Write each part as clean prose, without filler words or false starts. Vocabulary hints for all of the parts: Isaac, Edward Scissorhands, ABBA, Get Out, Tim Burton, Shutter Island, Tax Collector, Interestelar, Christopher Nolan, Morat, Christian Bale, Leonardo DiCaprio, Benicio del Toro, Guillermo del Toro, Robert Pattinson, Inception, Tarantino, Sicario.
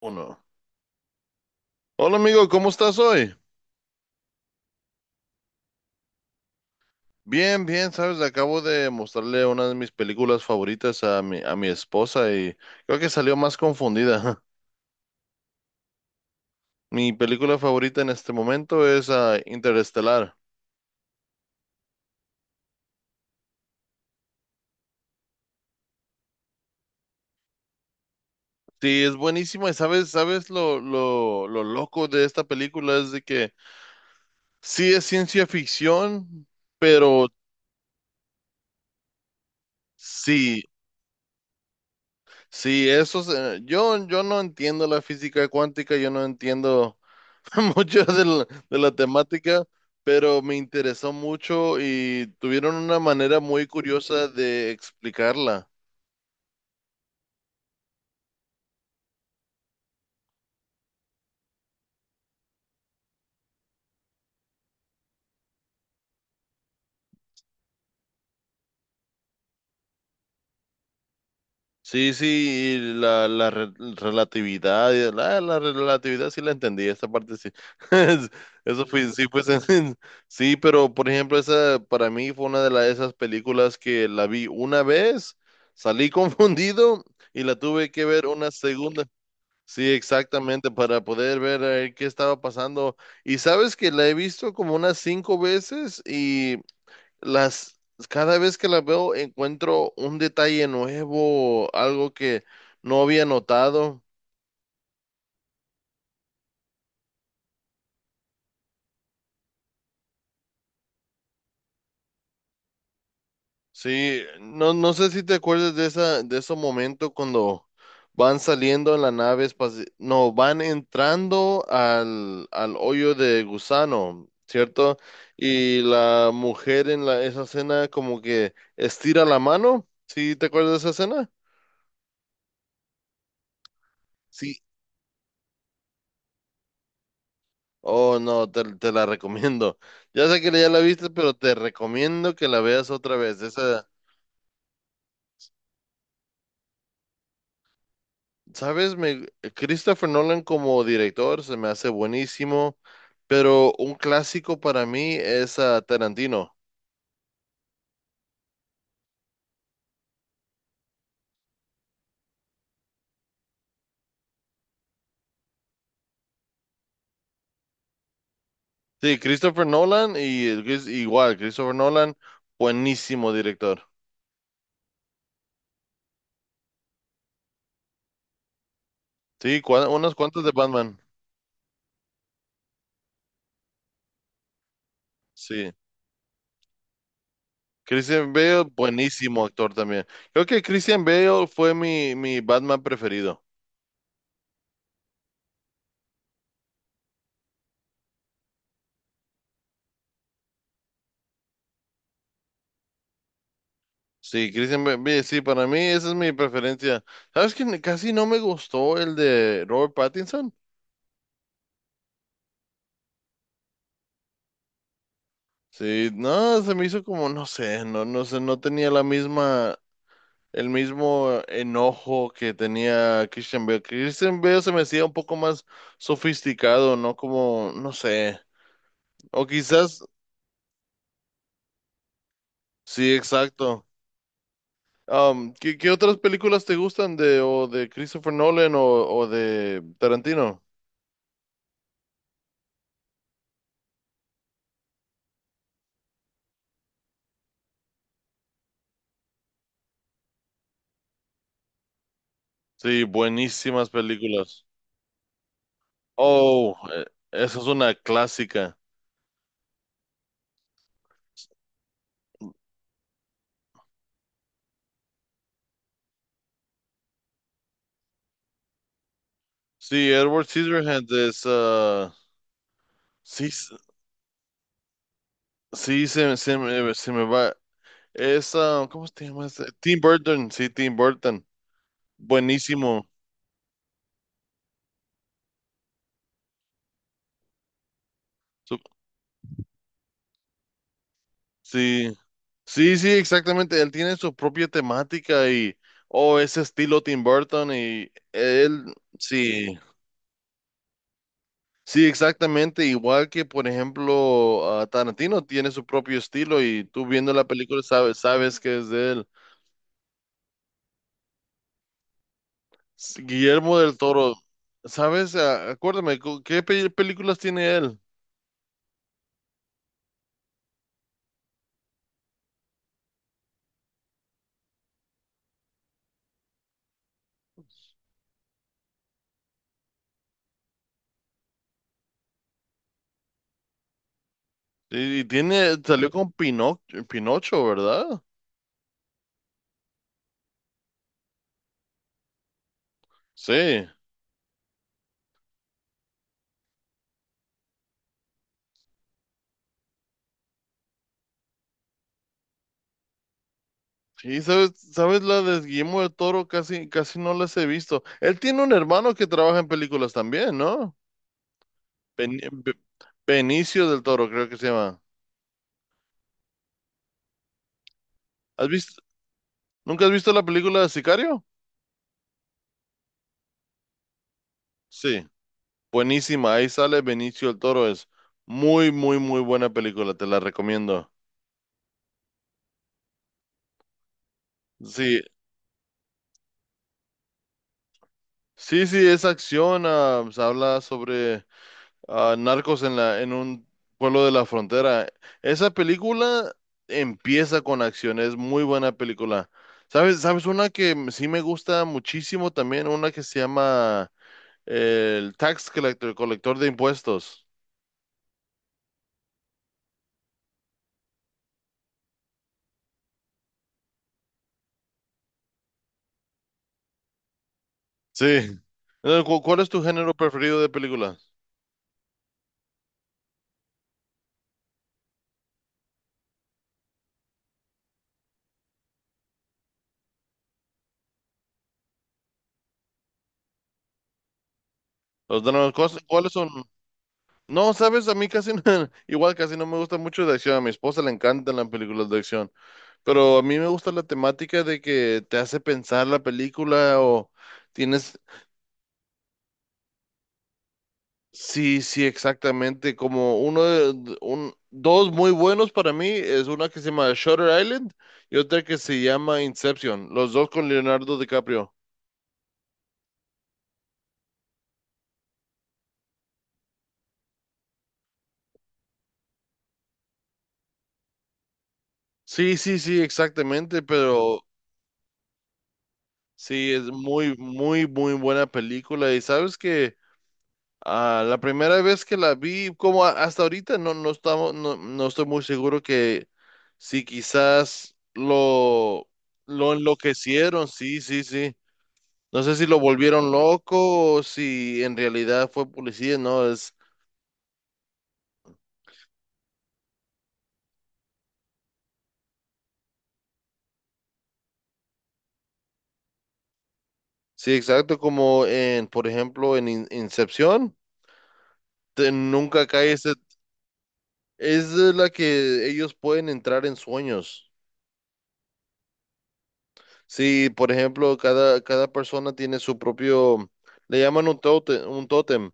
Uno. Hola amigo, ¿cómo estás hoy? Bien, bien, sabes, acabo de mostrarle una de mis películas favoritas a mi esposa y creo que salió más confundida. Mi película favorita en este momento es Interestelar. Sí, es buenísima y sabes lo loco de esta película es de que sí es ciencia ficción, pero sí, sí, eso es, yo no entiendo la física cuántica, yo no entiendo mucho de la temática, pero me interesó mucho y tuvieron una manera muy curiosa de explicarla. Sí, sí, y la relatividad sí la entendí, esa parte sí. Eso fue, sí, pues, sí, pero por ejemplo, esa para mí fue una de esas películas que la vi una vez, salí confundido y la tuve que ver una segunda. Sí, exactamente, para poder ver a qué estaba pasando. Y sabes que la he visto como unas cinco veces y las cada vez que la veo encuentro un detalle nuevo, algo que no había notado. Sí, no, no sé si te acuerdas de esa, de ese momento cuando van saliendo en la nave espacial, no, van entrando al hoyo de gusano, ¿cierto? Y la mujer en la, esa escena como que estira la mano, ¿sí te acuerdas de esa escena? Sí. Oh, no, te la recomiendo. Ya sé que ya la viste, pero te recomiendo que la veas otra vez. Esa, sabes, Christopher Nolan como director se me hace buenísimo, pero un clásico para mí es Tarantino. Sí, Christopher Nolan y igual, Christopher Nolan, buenísimo director. Sí, unas cuantas de Batman. Sí. Christian Bale, buenísimo actor también. Creo que Christian Bale fue mi Batman preferido. Sí, Christian Bale, sí, para mí esa es mi preferencia. ¿Sabes que casi no me gustó el de Robert Pattinson? Sí, no, se me hizo como, no sé, no, no sé, no tenía la misma, el mismo enojo que tenía Christian Bale. Christian Bale se me hacía un poco más sofisticado, ¿no? Como, no sé, o quizás, sí, exacto. ¿Qué, otras películas te gustan de, o de Christopher Nolan o de Tarantino? Sí, buenísimas películas. Oh, esa es una clásica. Sí, Edward Scissorhands es, sí, sí, se me va. Es ¿cómo se llama? ¿Ese? Tim Burton, sí, Tim Burton. Buenísimo. Su- sí, sí, sí, exactamente. Él tiene su propia temática y, oh, ese estilo Tim Burton y él, sí, sí, exactamente. Igual que, por ejemplo, Tarantino tiene su propio estilo y tú viendo la película sabes que es de él. Guillermo del Toro, ¿sabes? Ah, Acuérdame, ¿qué películas tiene él? Y tiene, salió con Pinocho, ¿verdad? Sí. Sí, ¿Sabes la de Guillermo del Toro? Casi, casi no las he visto. Él tiene un hermano que trabaja en películas también, ¿no? Ben- Be- Benicio del Toro, creo que se llama. ¿Has visto, nunca has visto la película de Sicario? Sí. Buenísima, ahí sale Benicio del Toro. Es muy, muy, muy buena película, te la recomiendo. Sí, sí, sí, es acción, pues, habla sobre Narcos en la, en un pueblo de la frontera. Esa película empieza con acción, es muy buena película. ¿Sabes? ¿Sabes una que sí me gusta muchísimo también? Una que se llama el Tax Collector, colector de impuestos. Sí. ¿Cuál es tu género preferido de películas? Los dramas, ¿cuáles son? No, sabes, a mí casi no- igual casi no me gusta mucho de acción. A mi esposa le encantan las películas de acción. Pero a mí me gusta la temática de que te hace pensar la película o tienes, sí, sí, exactamente, como uno de, un, dos muy buenos para mí, es una que se llama Shutter Island y otra que se llama Inception, los dos con Leonardo DiCaprio. Sí, sí, sí, exactamente, pero sí, es muy, muy, muy buena película y sabes que... Ah, la primera vez que la vi, como hasta ahorita, no, no estamos, no, no estoy muy seguro que si quizás lo enloquecieron, sí, sí, sí. No sé si lo volvieron loco o si en realidad fue policía, no, es, sí, exacto, como en, por ejemplo, en Incepción, nunca cae ese, es de la que ellos pueden entrar en sueños. Sí, por ejemplo, cada persona tiene su propio, le llaman un tótem, un tótem.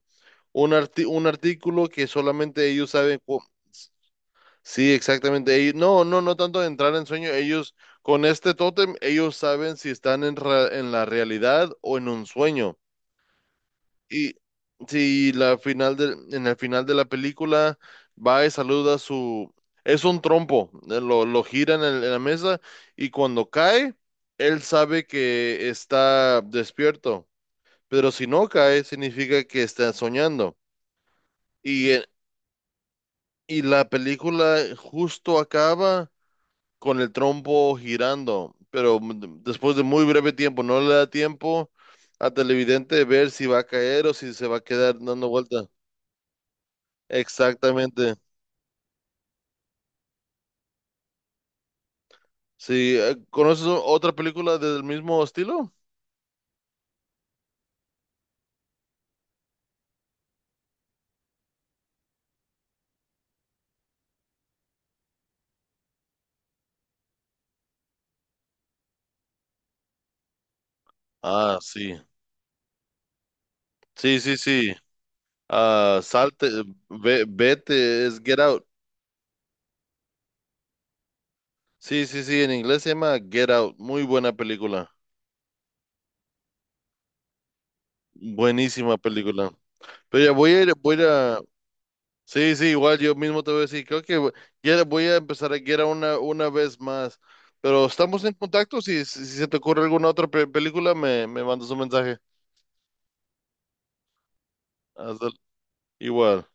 Un artículo que solamente ellos saben. Sí, exactamente. Ellos, no, no, no tanto de entrar en sueño. Ellos, con este tótem, ellos saben si están en la realidad o en un sueño. Y si la final del en el final de la película va y saluda a su... Es un trompo, lo gira en la mesa y cuando cae, él sabe que está despierto, pero si no cae, significa que está soñando. Y Y la película justo acaba con el trompo girando, pero después de muy breve tiempo, no le da tiempo a televidente ver si va a caer o si se va a quedar dando vuelta. Exactamente. Sí, ¿conoces otra película del mismo estilo? Ah, sí. Sí, sí, sí. Ah, salte, vete, es Get Out. Sí, sí, sí, en inglés se llama Get Out. Muy buena película. Buenísima película. Pero ya voy a ir a- Sí, sí, igual yo mismo te voy a decir, creo que ya voy a empezar a Get Out una vez más, pero estamos en contacto, si se te ocurre alguna otra película, me mandas un mensaje. Hasta- igual.